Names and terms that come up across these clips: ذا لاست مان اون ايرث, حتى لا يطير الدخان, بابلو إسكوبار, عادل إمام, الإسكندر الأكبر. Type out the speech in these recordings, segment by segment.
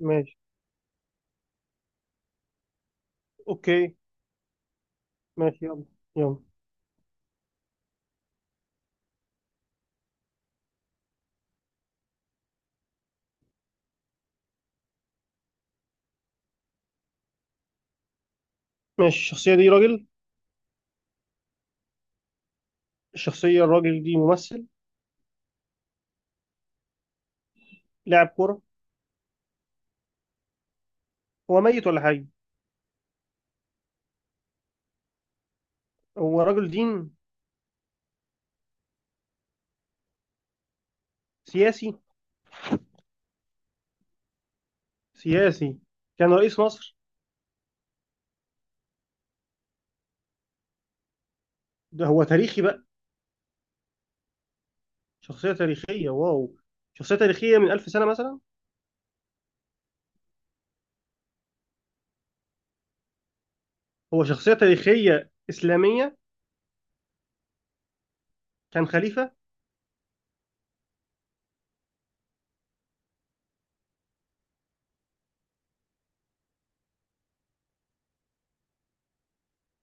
ماشي. اوكي. ماشي. يلا يلا. ماشي، الشخصية دي راجل؟ الشخصية الراجل دي ممثل؟ لاعب كورة؟ هو ميت ولا حي؟ هو رجل دين؟ سياسي. سياسي. كان رئيس مصر؟ ده هو تاريخي بقى؟ شخصية تاريخية، واو. شخصية تاريخية من 1000 سنة مثلا. هو شخصية تاريخية إسلامية؟ كان خليفة؟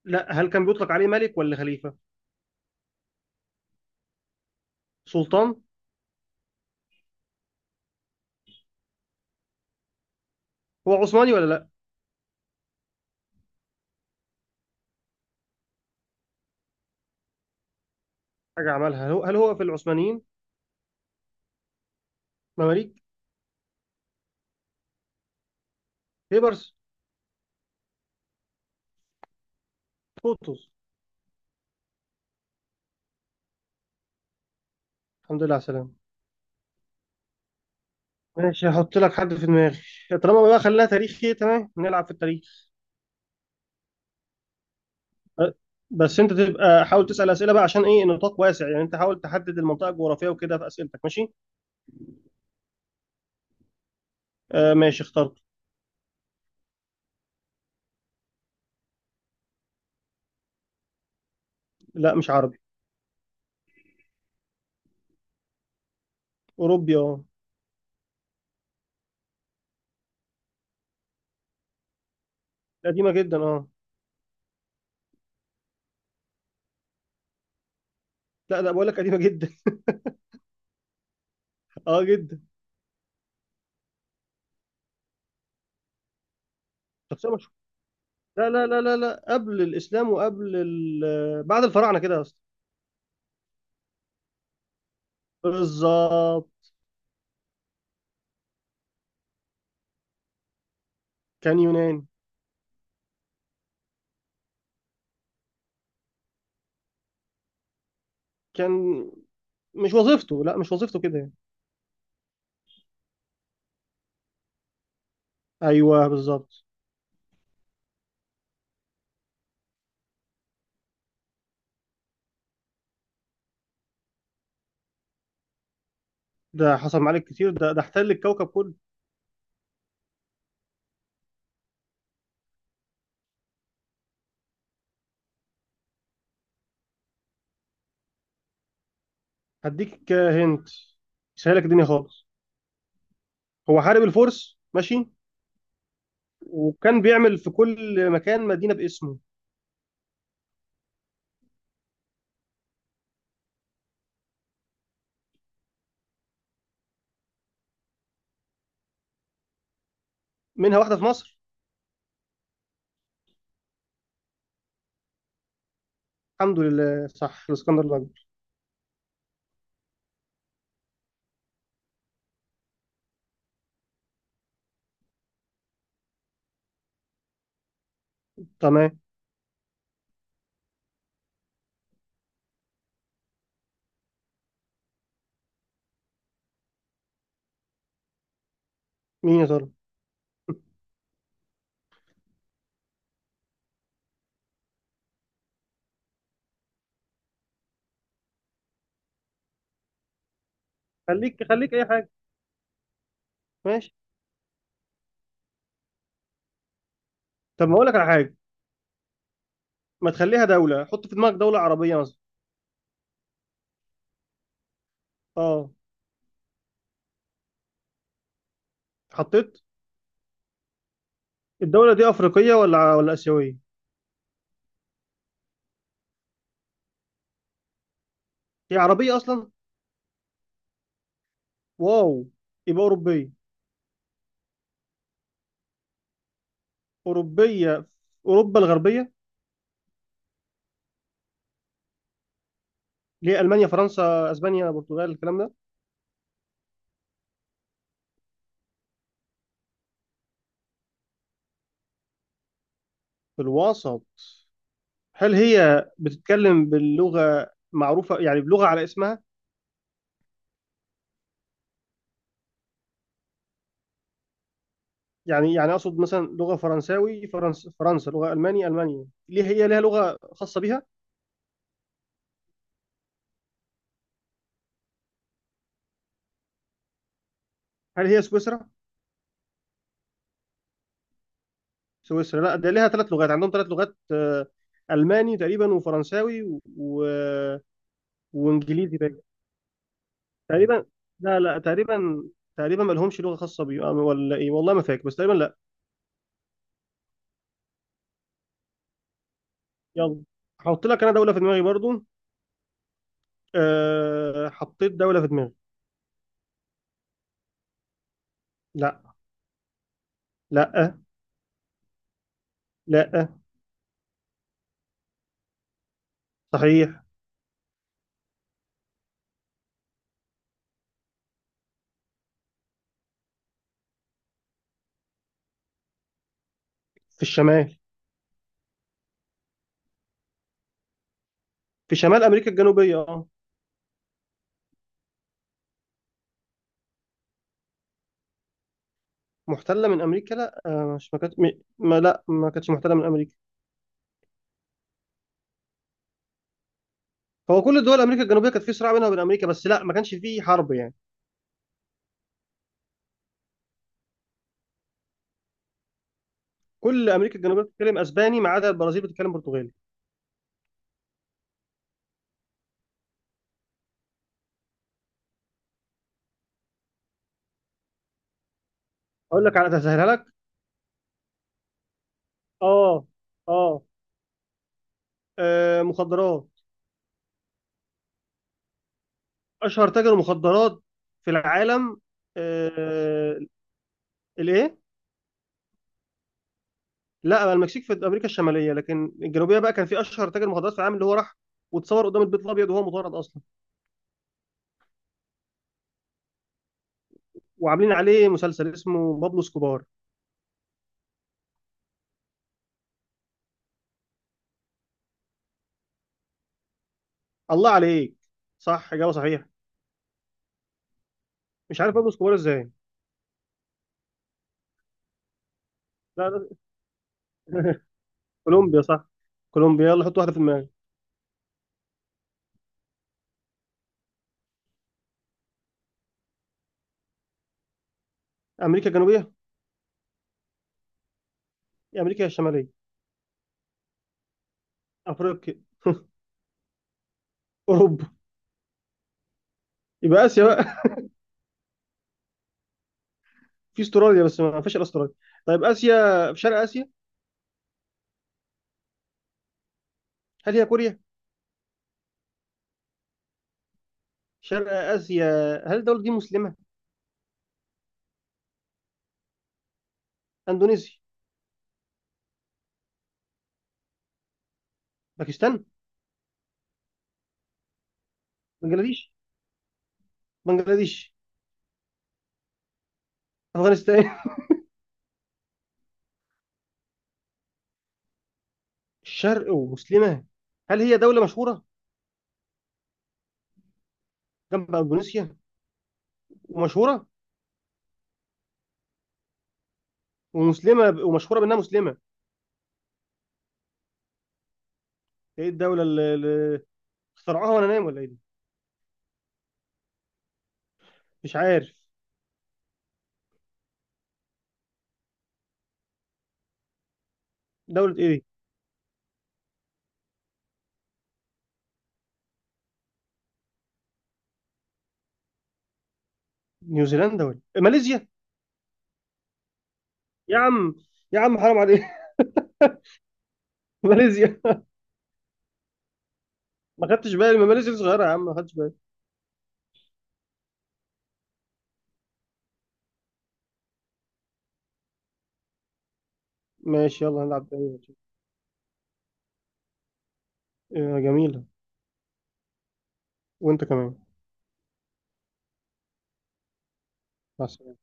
لا، هل كان بيطلق عليه ملك ولا خليفة؟ سلطان. هو عثماني ولا لا؟ حاجة عملها، هل هو في العثمانيين؟ مماليك. بيبرس. قطز. الحمد لله على السلامة. ماشي هحط لك حد في دماغي. طالما بقى خليها تاريخي، تمام، نلعب في التاريخ. أه، بس انت تبقى حاول تسأل أسئلة بقى عشان ايه نطاق واسع يعني، انت حاول تحدد المنطقة الجغرافية وكده في أسئلتك ماشي. آه ماشي اخترت. لا مش عربي. أوروبي اه. قديمة جدا اه. لا لا بقول لك قديمة جدا اه جدا. شخصية مشهورة. لا لا لا لا لا، قبل الإسلام وقبل ال... بعد الفراعنة كده اصلا. بالظبط. كان يوناني. كان مش وظيفته، لا مش وظيفته كده يعني. ايوه بالظبط. ده حصل معاك كتير، ده احتل الكوكب كله. هديك هنت، سهلك الدنيا خالص. هو حارب الفرس ماشي. وكان بيعمل في كل مكان مدينة باسمه. منها واحدة في مصر. الحمد لله صح الاسكندر الأكبر. تمام. مين يا ترى. خليك خليك أي حاجة. ماشي. طب ما أقول لك على حاجة. ما تخليها دولة، حط في دماغك دولة عربية مثلا. اه حطيت. الدولة دي أفريقية ولا آسيوية؟ هي عربية أصلا؟ واو. يبقى أوروبية. أوروبية في أوروبا الغربية؟ ليه، ألمانيا فرنسا أسبانيا البرتغال الكلام ده. في الوسط؟ هل هي بتتكلم باللغة معروفة يعني بلغة على اسمها؟ يعني أقصد مثلا لغة فرنساوي فرنسا، لغة ألماني ألمانيا، ليه هي لها لغة خاصة بيها؟ هل هي سويسرا؟ سويسرا، لا ده لها 3 لغات، عندهم 3 لغات، ألماني تقريبا وفرنساوي وإنجليزي باين. تقريبا. لا لا تقريبا. تقريبا ما لهمش لغة خاصة بيهم ولا إيه، والله ما فاكر بس تقريبا لا. يلا. هحط لك أنا دولة في دماغي برضو. أه حطيت دولة في دماغي. لا. لا. لا. صحيح. في الشمال. في شمال أمريكا الجنوبية اه. محتلة من أمريكا، لا، مش ما كانت م- ما لا ما كانتش محتلة من أمريكا. هو كل دول أمريكا الجنوبية كانت في صراع بينها وبين أمريكا بس لا ما كانش فيه حرب يعني. كل أمريكا الجنوبية بتتكلم أسباني ما عدا البرازيل بتتكلم برتغالي. أقول لك على تسهلها لك. اه. اه. مخدرات. أشهر تاجر مخدرات في العالم. آه، الإيه. لا بقى المكسيك في امريكا الشماليه، لكن الجنوبيه بقى كان في اشهر تاجر مخدرات في العالم اللي هو راح واتصور قدام البيت الابيض وهو مطارد اصلا، وعاملين عليه مسلسل اسمه بابلو سكوبار. الله عليك، صح، اجابه صحيحه. مش عارف بابلو سكوبار ازاي. لا لا كولومبيا صح. كولومبيا، يلا حط واحده في دماغك. امريكا الجنوبيه؟ يا امريكا يا الشماليه. افريقيا؟ اوروبا؟ يبقى اسيا بقى. في استراليا بس ما فيش إلا استراليا. طيب اسيا. في شرق اسيا. هل هي كوريا؟ شرق اسيا. هل الدوله دي مسلمه؟ اندونيسيا. باكستان. بنجلاديش. بنجلاديش. افغانستان. الشرق ومسلمة. هل هي دولة مشهورة؟ جنب إندونيسيا. ومشهورة. ومسلمة ومشهورة بأنها مسلمة. إيه الدولة اللي اخترعوها وأنا نايم ولا إيه دي؟ مش عارف. دولة إيه دي؟ نيوزيلندا ولا إيه؟ ماليزيا. يا عم، يا عم حرام عليك ماليزيا. ما خدتش بالي، ما ماليزيا صغيرة يا عم، ما خدتش بالي. ماشي يلا نلعب تاني. جميلة. وأنت كمان. مع السلامة.